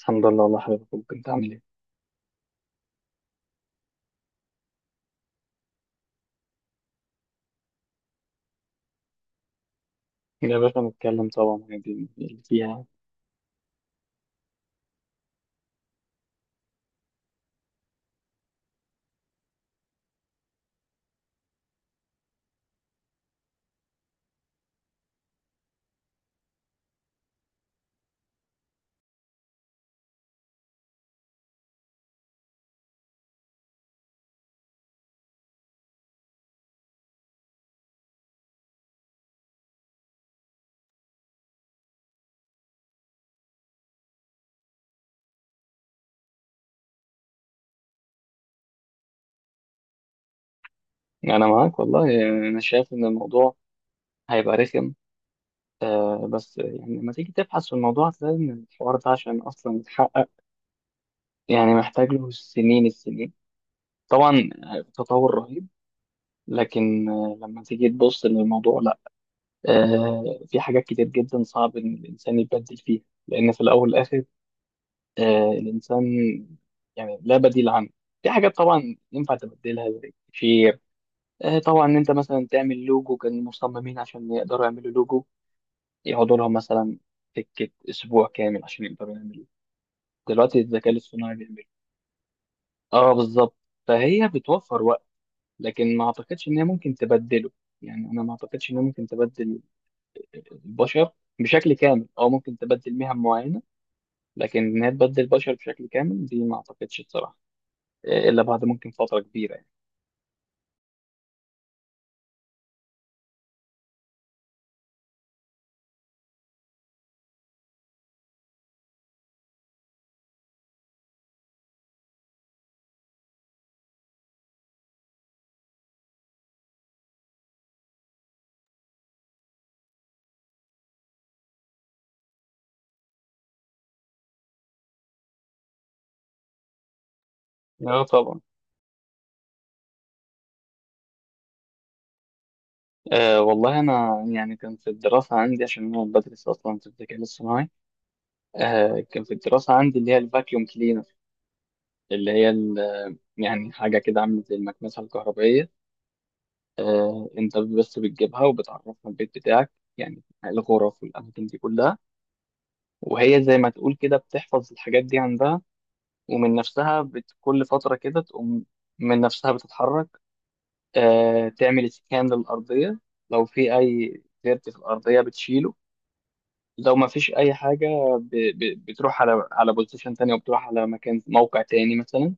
الحمد لله والله حبيبي أخوك، انت عامل ايه؟ يا باشا نتكلم طبعا عادي اللي فيها يعني. انا معاك والله يعني انا شايف ان الموضوع هيبقى رخم. آه بس يعني لما تيجي تبحث في الموضوع هتلاقي ان الحوار ده عشان اصلا يتحقق يعني محتاج له سنين السنين. طبعا آه، تطور رهيب. لكن آه، لما تيجي تبص للموضوع لا، آه في حاجات كتير جدا صعب ان الانسان يبدل فيها لان في الاول والاخر آه الانسان يعني لا بديل عنه. في حاجات طبعا ينفع تبدلها زي التكفير، آه، طبعا ان انت مثلا تعمل لوجو. كان المصممين عشان يقدروا يعملوا لوجو يقعدوا لهم مثلا سكه اسبوع كامل عشان يقدروا يعملوا، دلوقتي الذكاء الاصطناعي بيعمله. اه بالظبط، فهي بتوفر وقت. لكن ما اعتقدش ان هي ممكن تبدله، يعني انا ما اعتقدش ان هي ممكن تبدل البشر بشكل كامل، او ممكن تبدل مهن معينه لكن ان هي تبدل البشر بشكل كامل دي ما اعتقدش بصراحه. آه، الا بعد ممكن فتره كبيره يعني. اه طبعا. آه والله انا يعني كان في الدراسه عندي عشان انا بدرس اصلا في الذكاء الاصطناعي. آه كان في الدراسة عندي اللي هي الفاكيوم كلينر، يعني حاجة كده عاملة زي المكنسة الكهربائية. آه أنت بس بتجيبها وبتعرفها البيت بتاعك يعني الغرف والأماكن دي كلها، وهي زي ما تقول كده بتحفظ الحاجات دي عندها، ومن نفسها كل فترة كده تقوم من نفسها بتتحرك. آه تعمل سكان للأرضية، لو في أي ديرت في الأرضية بتشيله، لو ما فيش أي حاجة ب... بتروح على بوزيشن تاني، وبتروح على مكان موقع تاني مثلا.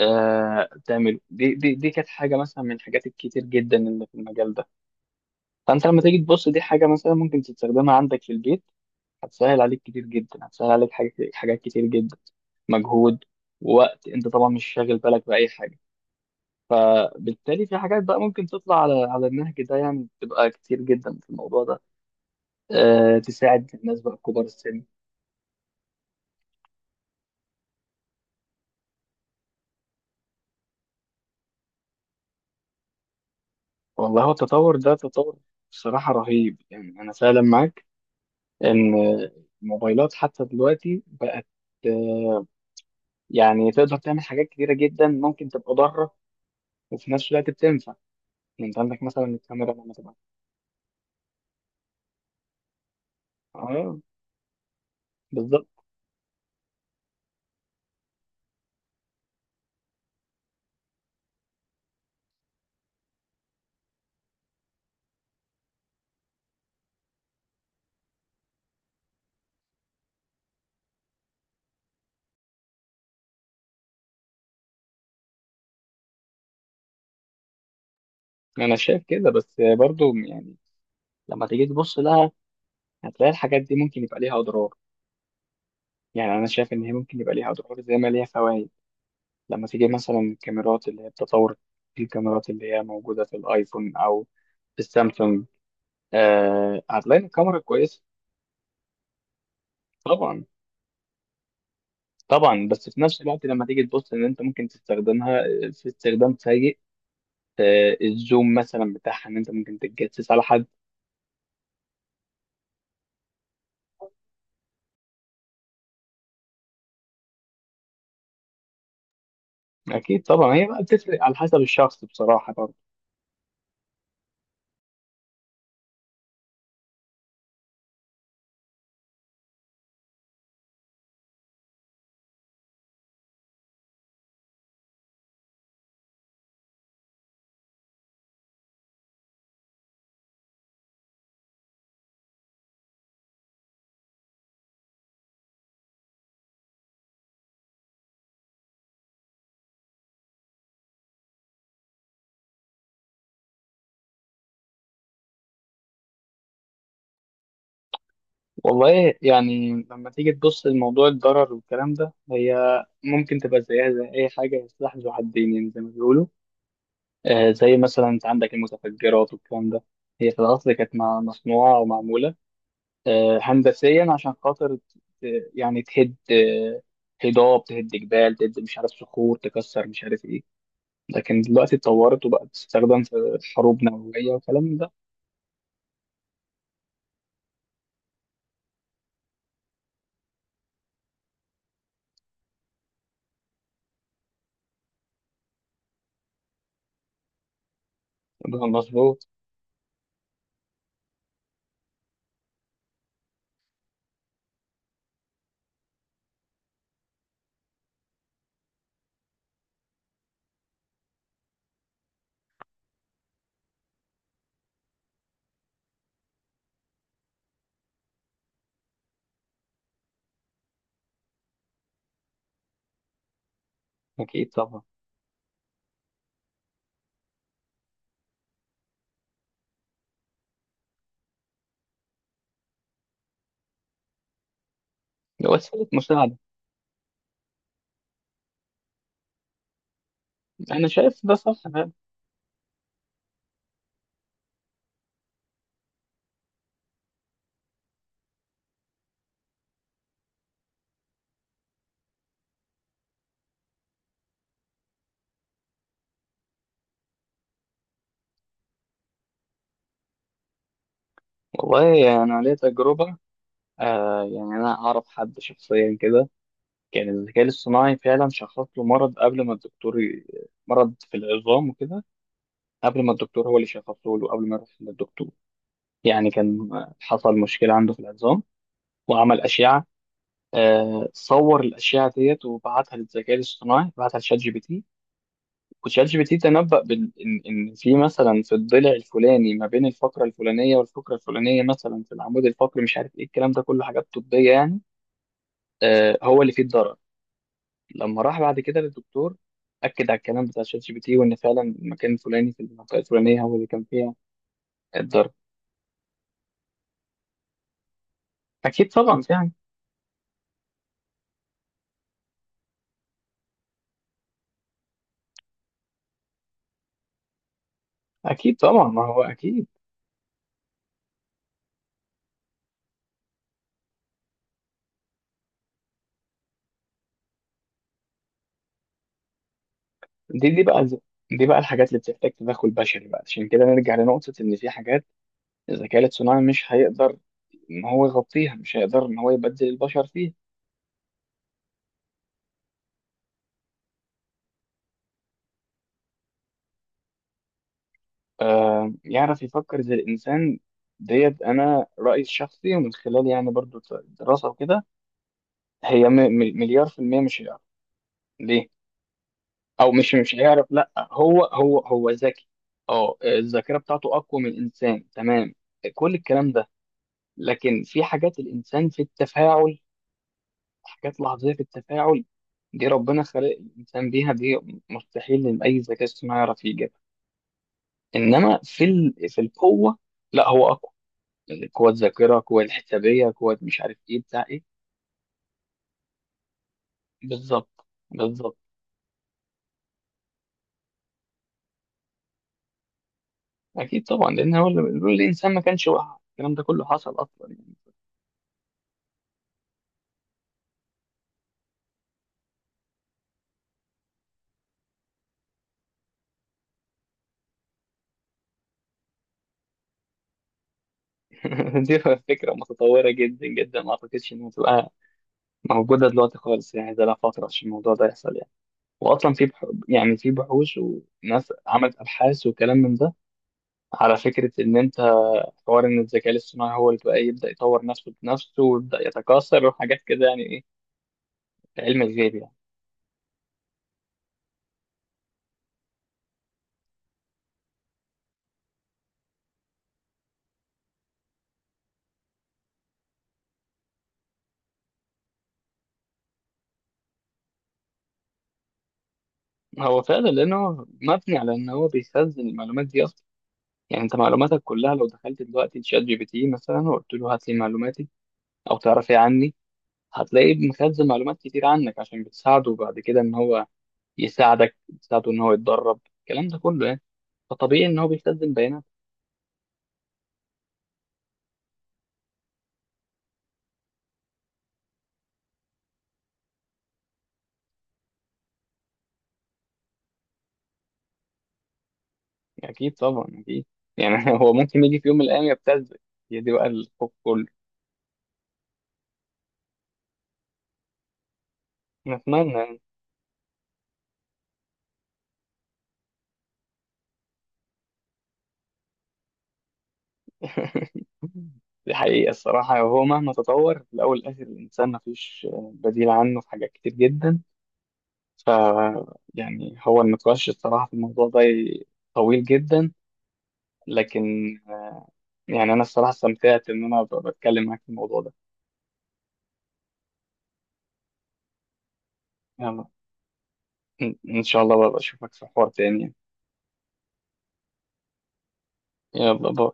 آه بتعمله، دي كانت حاجه مثلا من الحاجات الكتير جدا اللي في المجال ده. فانت لما تيجي تبص دي حاجه مثلا ممكن تستخدمها عندك في البيت، هتسهل عليك كتير جدا، هتسهل عليك حاجات كتير جدا، مجهود ووقت، انت طبعا مش شاغل بالك باي حاجه. فبالتالي في حاجات بقى ممكن تطلع على النهج ده، يعني بتبقى كتير جدا في الموضوع ده. آه تساعد الناس بقى كبار السن. والله هو التطور ده تطور بصراحه رهيب، يعني انا فعلا معاك ان الموبايلات حتى دلوقتي بقت آه، يعني تقدر تعمل حاجات كتيرة جدا ممكن تبقى ضارة وفي نفس الوقت بتنفع. يعني انت عندك مثلا الكاميرا لما تبقى. اه بالظبط. انا شايف كده بس برضو يعني لما تيجي تبص لها هتلاقي الحاجات دي ممكن يبقى ليها اضرار، يعني انا شايف ان هي ممكن يبقى ليها اضرار زي ما ليها فوائد. لما تيجي مثلا الكاميرات اللي هي بتطور، الكاميرات اللي هي موجودة في الايفون او في السامسونج، آه هتلاقي إن الكاميرا كويسة. طبعا طبعا، بس في نفس الوقت لما تيجي تبص ان انت ممكن تستخدمها آه، في استخدام سيء. آه، الزوم مثلا بتاعها ان انت ممكن تتجسس على حد. اكيد طبعا هي بقى بتفرق على حسب الشخص بصراحه برضه. والله يعني لما تيجي تبص لموضوع الضرر والكلام ده، هي ممكن تبقى زيها زي اي حاجه سلاح ذو حدين يعني زي ما بيقولوا. آه، زي مثلا انت عندك المتفجرات والكلام ده، هي في الاصل كانت مصنوعه ومعموله آه، هندسيا عشان خاطر يعني تهد آه، هضاب، تهد جبال، تهد مش عارف صخور، تكسر مش عارف ايه. لكن دلوقتي اتطورت وبقت تستخدم في حروب نووية والكلام ده. ده مظبوط. أكيد طبعا. ده وسيلة مساعدة. أنا شايف ده صح فعلا. والله أنا ليا تجربة، آه يعني أنا أعرف حد شخصيا كده كان الذكاء الاصطناعي فعلا شخص له مرض قبل ما الدكتور مرض في العظام وكده، قبل ما الدكتور هو اللي شخصه له قبل ما يروح للدكتور. يعني كان حصل مشكلة عنده في العظام، وعمل أشعة. آه، صور الأشعة ديت وبعتها للذكاء الاصطناعي، بعتها لشات جي بي تي، وشات جي بي تي تنبأ إن في مثلا في الضلع الفلاني ما بين الفقرة الفلانية والفقرة الفلانية مثلا في العمود الفقري مش عارف إيه الكلام ده كله حاجات طبية يعني، آه، هو اللي فيه الضرر. لما راح بعد كده للدكتور أكد على الكلام بتاع شات جي بي تي، وإن فعلا المكان الفلاني في المنطقة الفلانية هو اللي كان فيها الضرر. أكيد طبعا يعني. أكيد طبعا ما هو أكيد. دي دي بقى دي بقى الحاجات اللي بتحتاج تدخل بشري، بقى عشان كده نرجع لنقطة إن في حاجات الذكاء الاصطناعي مش هيقدر إن هو يغطيها، مش هيقدر إن هو يبدل البشر فيها. آه يعرف يفكر زي الإنسان، ديت أنا رأيي الشخصي ومن خلال يعني برضو دراسة وكده. هي مليار في المية مش هيعرف. ليه؟ أو مش هيعرف. لأ هو ذكي. أه الذاكرة بتاعته أقوى من الإنسان، تمام، كل الكلام ده. لكن في حاجات الإنسان في التفاعل، حاجات لحظية في التفاعل، دي ربنا خلق الإنسان بيها، دي مستحيل إن أي ذكاء اصطناعي يعرف يجيبها. إنما في القوة لا هو أقوى، قوة ذاكرة، قوة الحسابية، قوة مش عارف إيه بتاع إيه. بالظبط. بالظبط. أكيد طبعا لأن هو اللي بيقول الإنسان، ما كانش وقع الكلام ده كله حصل أصلا يعني. دي فكرة متطورة جدا جدا ما أعتقدش إنها تبقى موجودة دلوقتي خالص، يعني ده لها فترة عشان الموضوع ده يحصل يعني. وأصلا يعني في بحوث وناس عملت أبحاث وكلام من ده على فكرة إن أنت حوار إن الذكاء الاصطناعي هو اللي بقى يبدأ يطور نفسه بنفسه ويبدأ يتكاثر وحاجات كده، يعني إيه، علم الغيب يعني. هو فعلا لأنه مبني على إن هو بيخزن المعلومات دي أصلا. يعني أنت معلوماتك كلها لو دخلت دلوقتي تشات جي بي تي مثلا وقلت له هات لي معلوماتي أو تعرف إيه عني، هتلاقيه مخزن معلومات كتير عنك عشان بتساعده بعد كده إن هو يساعدك، بتساعده إن هو يتدرب الكلام ده كله يعني. فطبيعي إن هو بيخزن بيانات. اكيد طبعا اكيد. يعني هو ممكن يجي في يوم من الايام يبتزك، هي دي بقى الخوف كله. نتمنى يعني. دي حقيقة الصراحة، هو مهما تطور في الأول والآخر الإنسان مفيش بديل عنه في حاجات كتير جدا. ف، يعني هو النقاش الصراحة في الموضوع ده طويل جدا. لكن يعني أنا الصراحة استمتعت إن أنا بتكلم معاك في الموضوع ده. يلا إن إن شاء الله بقى أشوفك في حوار تاني. يلا باي.